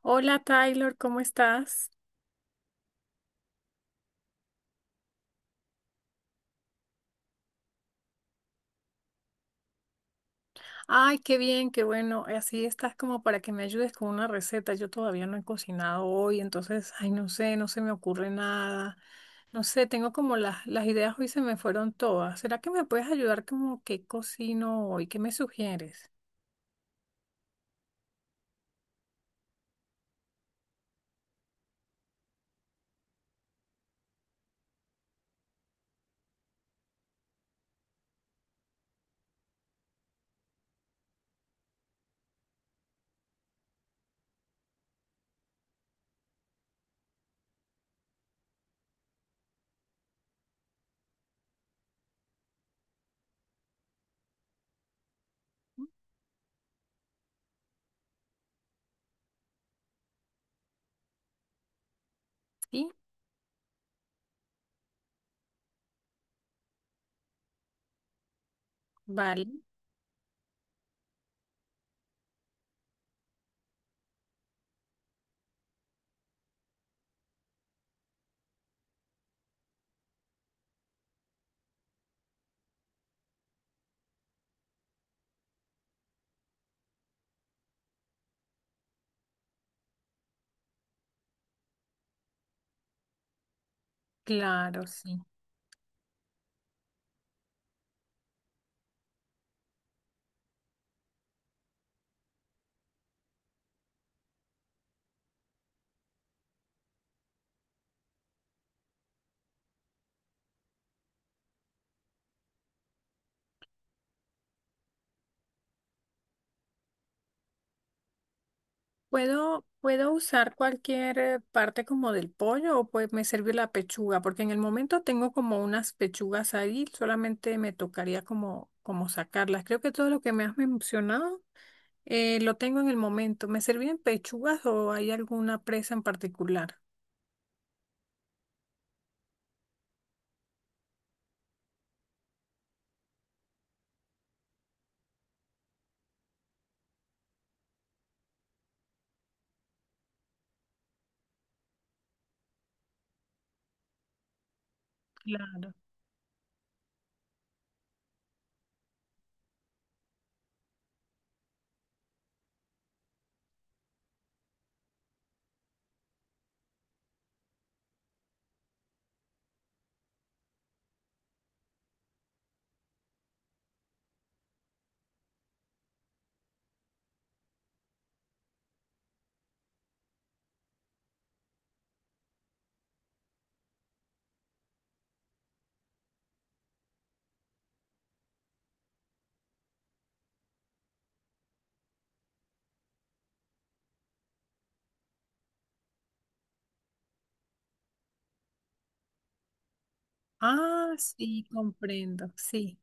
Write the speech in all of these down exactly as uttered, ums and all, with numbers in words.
Hola Taylor, ¿cómo estás? Ay, qué bien, qué bueno. Así estás como para que me ayudes con una receta. Yo todavía no he cocinado hoy, entonces, ay, no sé, no se me ocurre nada. No sé, tengo como las, las ideas hoy se me fueron todas. ¿Será que me puedes ayudar como qué cocino hoy? ¿Qué me sugieres? Sí, vale, claro, sí. ¿Puedo, puedo usar cualquier eh, parte como del pollo o pues me sirve la pechuga? Porque en el momento tengo como unas pechugas ahí, solamente me tocaría como, como sacarlas. Creo que todo lo que me has mencionado eh, lo tengo en el momento. ¿Me servían pechugas o hay alguna presa en particular? Claro. Ah, sí, comprendo, sí.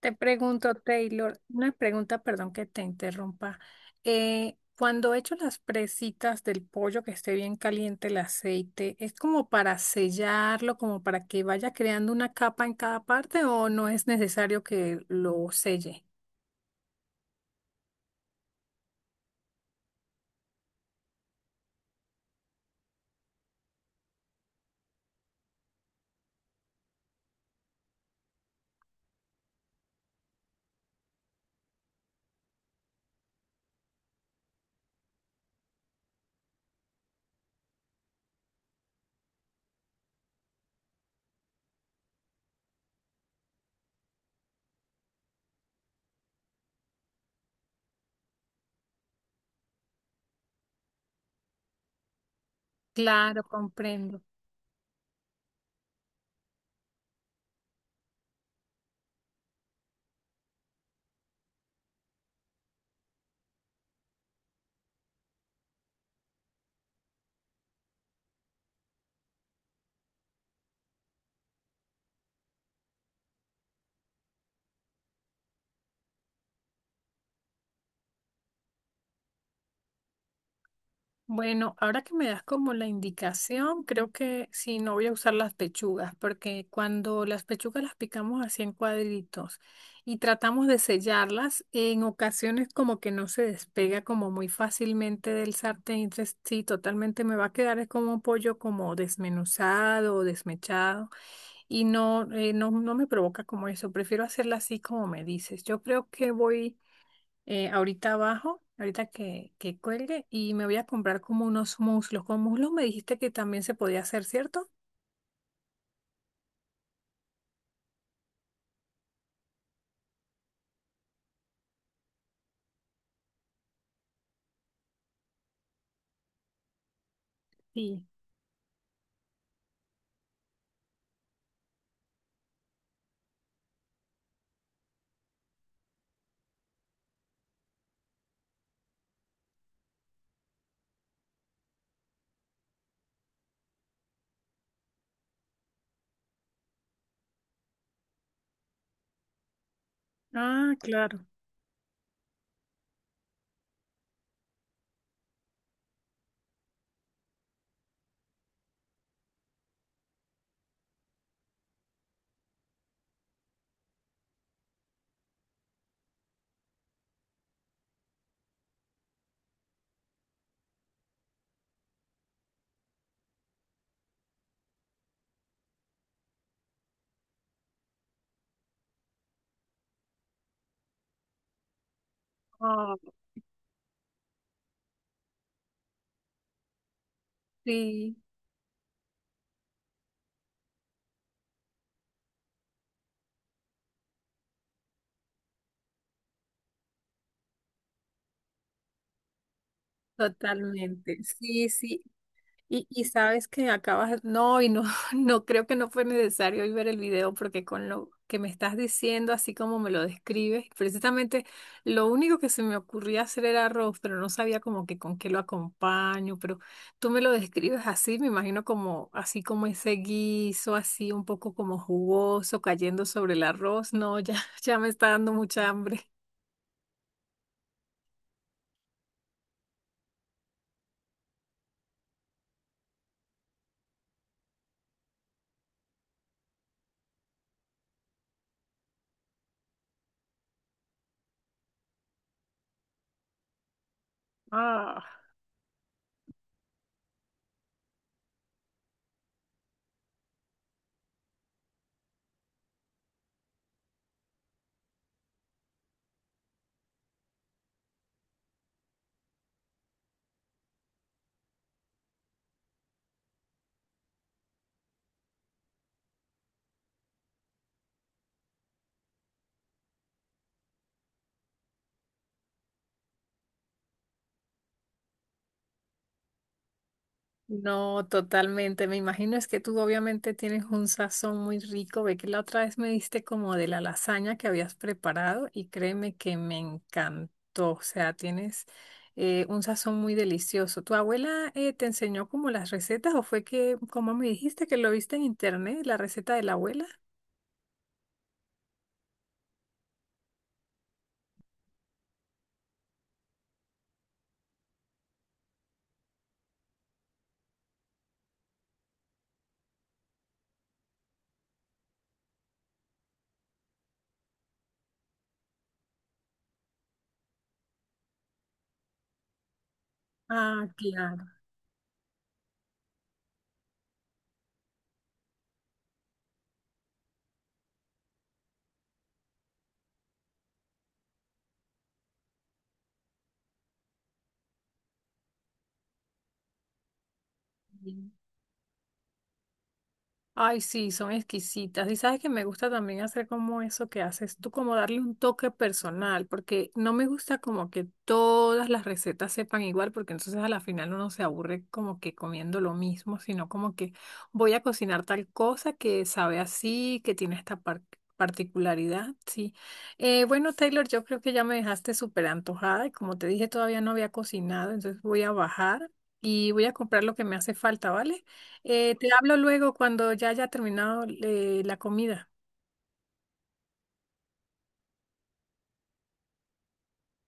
Te pregunto, Taylor, una pregunta, perdón que te interrumpa. Eh, cuando echo las presitas del pollo que esté bien caliente el aceite, ¿es como para sellarlo, como para que vaya creando una capa en cada parte o no es necesario que lo selle? Claro, comprendo. Bueno, ahora que me das como la indicación, creo que sí, no voy a usar las pechugas, porque cuando las pechugas las picamos así en cuadritos y tratamos de sellarlas, en ocasiones como que no se despega como muy fácilmente del sartén, entonces sí, totalmente me va a quedar es como un pollo como desmenuzado o desmechado y no, eh, no, no me provoca como eso, prefiero hacerla así como me dices. Yo creo que voy eh, ahorita abajo, ahorita que, que cuelgue, y me voy a comprar como unos muslos. Con muslos me dijiste que también se podía hacer, ¿cierto? Sí. Ah, claro. Ah, sí, totalmente. Sí, sí. Y, y sabes que acabas, no, y no, no creo que no fue necesario hoy ver el video porque con lo que me estás diciendo, así como me lo describes, precisamente lo único que se me ocurría hacer era arroz, pero no sabía como que con qué lo acompaño, pero tú me lo describes así, me imagino como, así como ese guiso, así un poco como jugoso, cayendo sobre el arroz, no, ya, ya me está dando mucha hambre. Ah. No, totalmente. Me imagino es que tú obviamente tienes un sazón muy rico. Ve que la otra vez me diste como de la lasaña que habías preparado y créeme que me encantó. O sea, tienes eh, un sazón muy delicioso. ¿Tu abuela eh, te enseñó como las recetas o fue que, como me dijiste, que lo viste en internet, la receta de la abuela? Ah, claro. Ay, sí, son exquisitas. Y sabes que me gusta también hacer como eso que haces tú, como darle un toque personal, porque no me gusta como que todas las recetas sepan igual, porque entonces a la final uno se aburre como que comiendo lo mismo, sino como que voy a cocinar tal cosa que sabe así, que tiene esta par- particularidad, sí. Eh, bueno, Taylor, yo creo que ya me dejaste súper antojada y como te dije, todavía no había cocinado, entonces voy a bajar y voy a comprar lo que me hace falta, ¿vale? Eh, te hablo luego cuando ya haya terminado eh, la comida.